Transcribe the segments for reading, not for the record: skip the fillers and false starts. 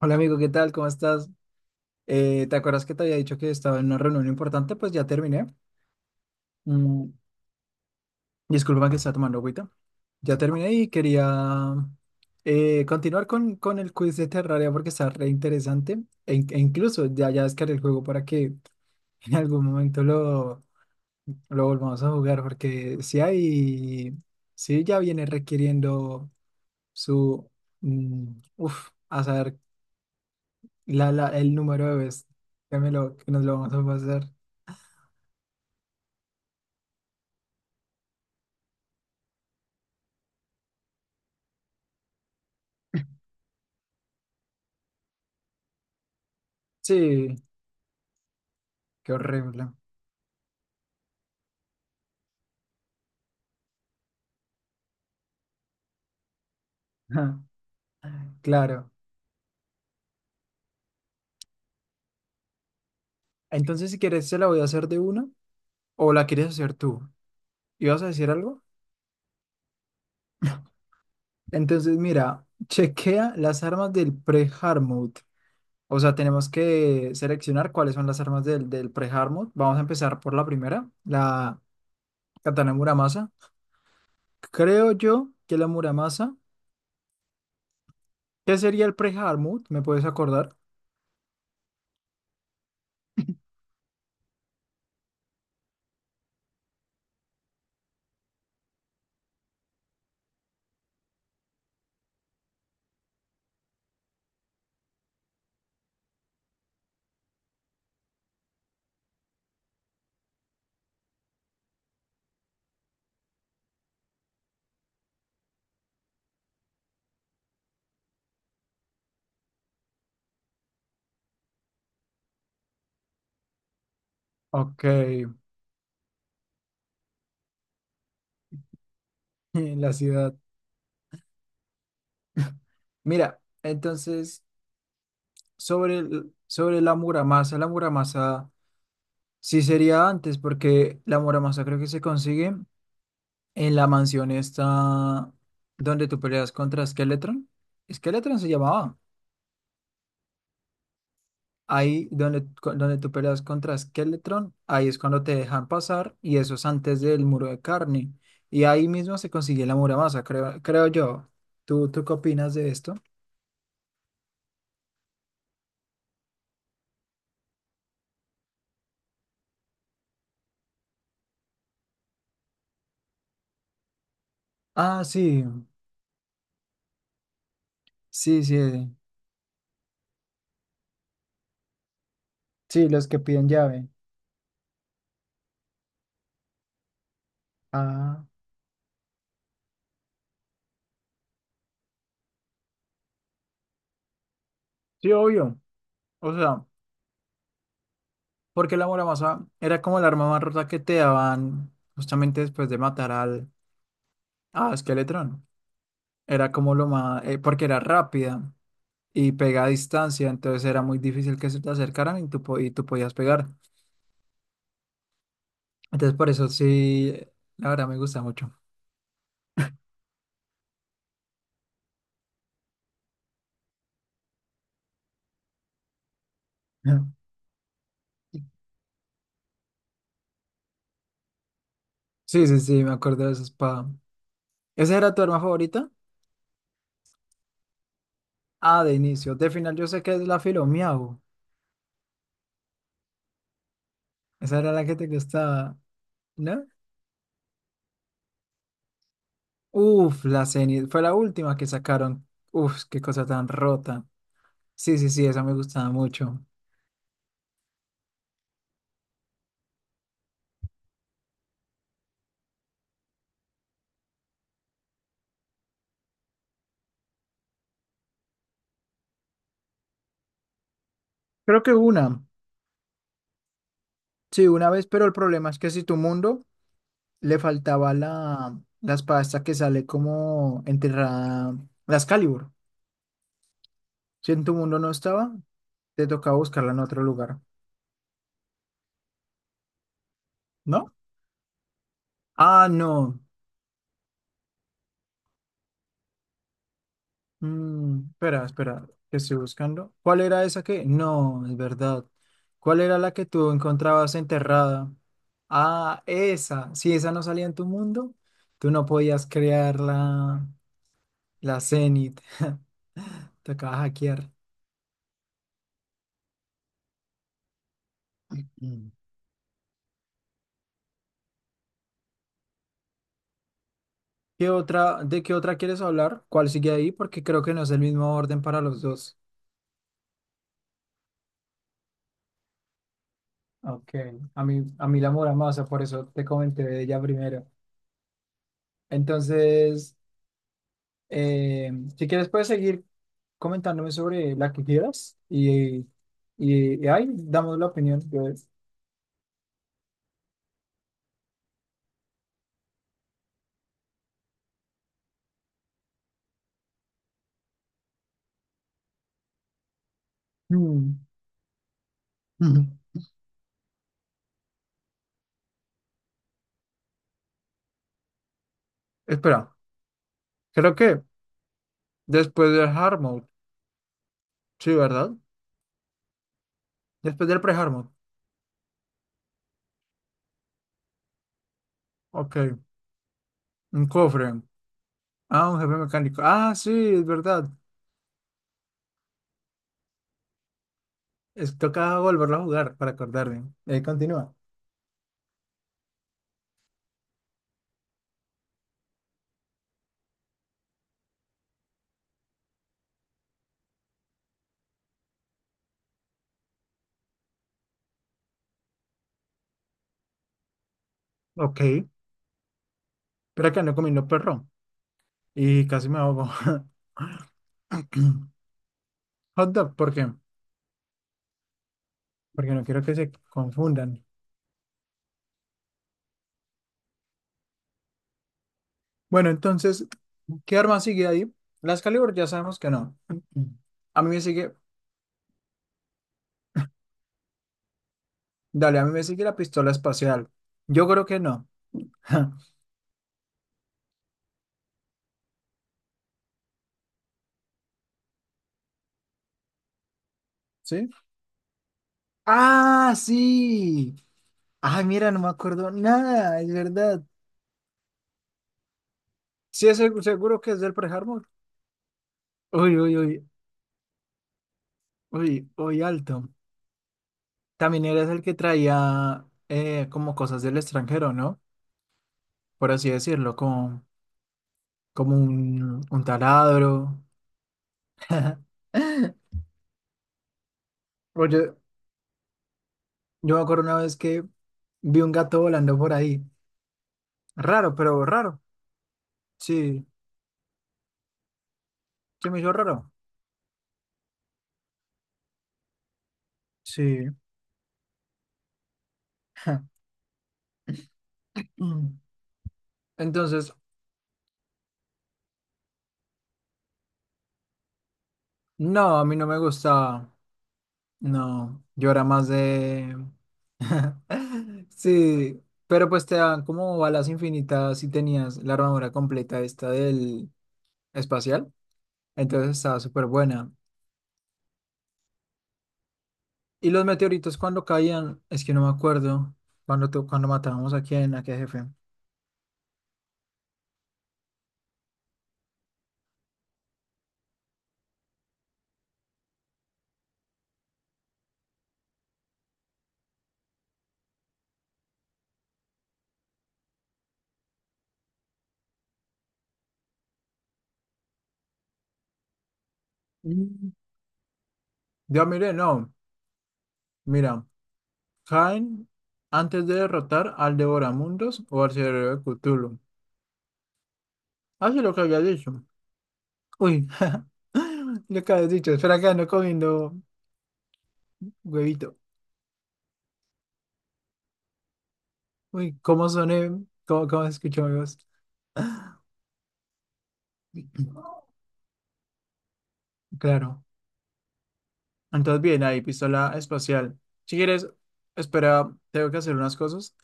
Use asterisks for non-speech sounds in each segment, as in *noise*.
Hola amigo, ¿qué tal? ¿Cómo estás? ¿Te acuerdas que te había dicho que estaba en una reunión importante? Pues ya terminé. Mm, Disculpa que estaba tomando agüita. Ya terminé y quería continuar con el quiz de Terraria porque está re interesante. E incluso ya descargué el juego para que *laughs* en algún momento lo volvamos a jugar porque si ya viene requiriendo su, mm, a saber. El número de veces que nos lo vamos a pasar. Sí, qué horrible. Ja, claro. Entonces, si quieres, se la voy a hacer de una o la quieres hacer tú. ¿Ibas a decir algo? Entonces, mira, chequea las armas del pre-hard mode. O sea, tenemos que seleccionar cuáles son las armas del pre-hard mode. Vamos a empezar por la primera, la katana Muramasa. Creo yo que la Muramasa. ¿Qué sería el pre-hard mode? ¿Me puedes acordar? Ok, *laughs* la ciudad. Mira, entonces, sobre la muramasa sí sería antes, porque la muramasa creo que se consigue en la mansión esta donde tú peleas contra Skeletron. Skeletron se llamaba. Ahí donde tú peleas contra Skeletron, ahí es cuando te dejan pasar, y eso es antes del muro de carne. Y ahí mismo se consigue la muramasa, creo yo. ¿Tú qué opinas de esto? Ah, sí, sí, sí, sí, los que piden llave. Ah. Sí, obvio. O sea, porque la Muramasa era como el arma más rota que te daban justamente después de matar al a Skeletron. Era como lo más, porque era rápida y pega a distancia, entonces era muy difícil que se te acercaran y tú podías pegar. Entonces por eso sí, la verdad me gusta mucho. *laughs* Ya. Sí, sí, sí, me acuerdo de esa espada. ¿Esa era tu arma favorita? Ah, de inicio. De final yo sé que es la Filomiao. Esa era la que te gustaba, ¿no? Uf, la Zenith. Fue la última que sacaron. Uf, qué cosa tan rota. Sí, sí, sí, esa me gustaba mucho. Creo que una. Sí, una vez, pero el problema es que si tu mundo le faltaba la espada esta que sale como enterrada, la Excalibur. Si en tu mundo no estaba, te tocaba buscarla en otro lugar, ¿no? Ah, no. Espera, espera, que estoy buscando. ¿Cuál era esa que? No, es verdad. ¿Cuál era la que tú encontrabas enterrada? Ah, esa. Si esa no salía en tu mundo, tú no podías crear la Zenith. *laughs* Te acabas de *laughs* hackear. Mm. ¿De qué otra quieres hablar? ¿Cuál sigue ahí? Porque creo que no es el mismo orden para los dos. Ok, a mí la Muramasa, por eso te comenté de ella primero. Entonces. Eh, si quieres, puedes seguir comentándome sobre la que quieras y ahí damos la opinión. Yo- Mm, mm. Espera, creo que después del hard mode, sí, ¿verdad? Después del pre-hard mode, ok, un cofre, ah, un jefe mecánico, ah, sí, es verdad, toca volverlo a jugar para acordarme. Continúa, ok, espera que ando comiendo perro y casi me ahogo. *coughs* *laughs* Hot dog, ¿por qué? Porque no quiero que se confundan. Bueno, entonces, ¿qué arma sigue ahí? La Excalibur ya sabemos que no. A mí me sigue, dale, a mí me sigue la pistola espacial. Yo creo que no. *laughs* ¿Sí? Ah, sí. Ay, mira, no me acuerdo nada, es verdad. Sí, es seguro que es del pre-armor. Uy, uy, uy, uy, uy, alto. También eres el que traía como cosas del extranjero, ¿no? Por así decirlo, como, un taladro. *laughs* Oye, yo me acuerdo una vez que vi un gato volando por ahí. Raro, pero raro. Sí, se me hizo raro. Sí. *laughs* Mm. Entonces, no, a mí no me gustaba. No, yo era más de... *laughs* Sí, pero pues te dan como balas infinitas y tenías la armadura completa esta del espacial. Entonces estaba súper buena. Y los meteoritos cuando caían, es que no me acuerdo cuando matábamos a quién, a qué jefe. Mm. Yo miré, no. Mira, Jaén, antes de derrotar al Devoramundos o al Cerebro de Cthulhu. Hace lo que había dicho. Uy, *laughs* lo que había dicho. Espera que no comiendo huevito. Uy, ¿cómo soné? ¿Cómo se escuchó mi voz? Claro. Entonces, bien, ahí, pistola espacial. Si quieres, espera, tengo que hacer unas cosas.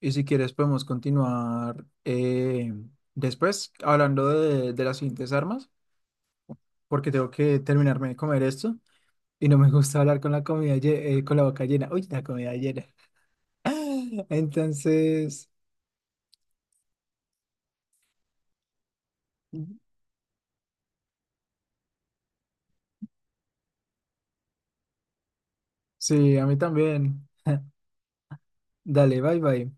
Y si quieres, podemos continuar después hablando de las siguientes armas, porque tengo que terminarme de comer esto. Y no me gusta hablar con la boca llena. Uy, la comida llena. *laughs* Entonces, sí, a mí también. Dale, bye bye.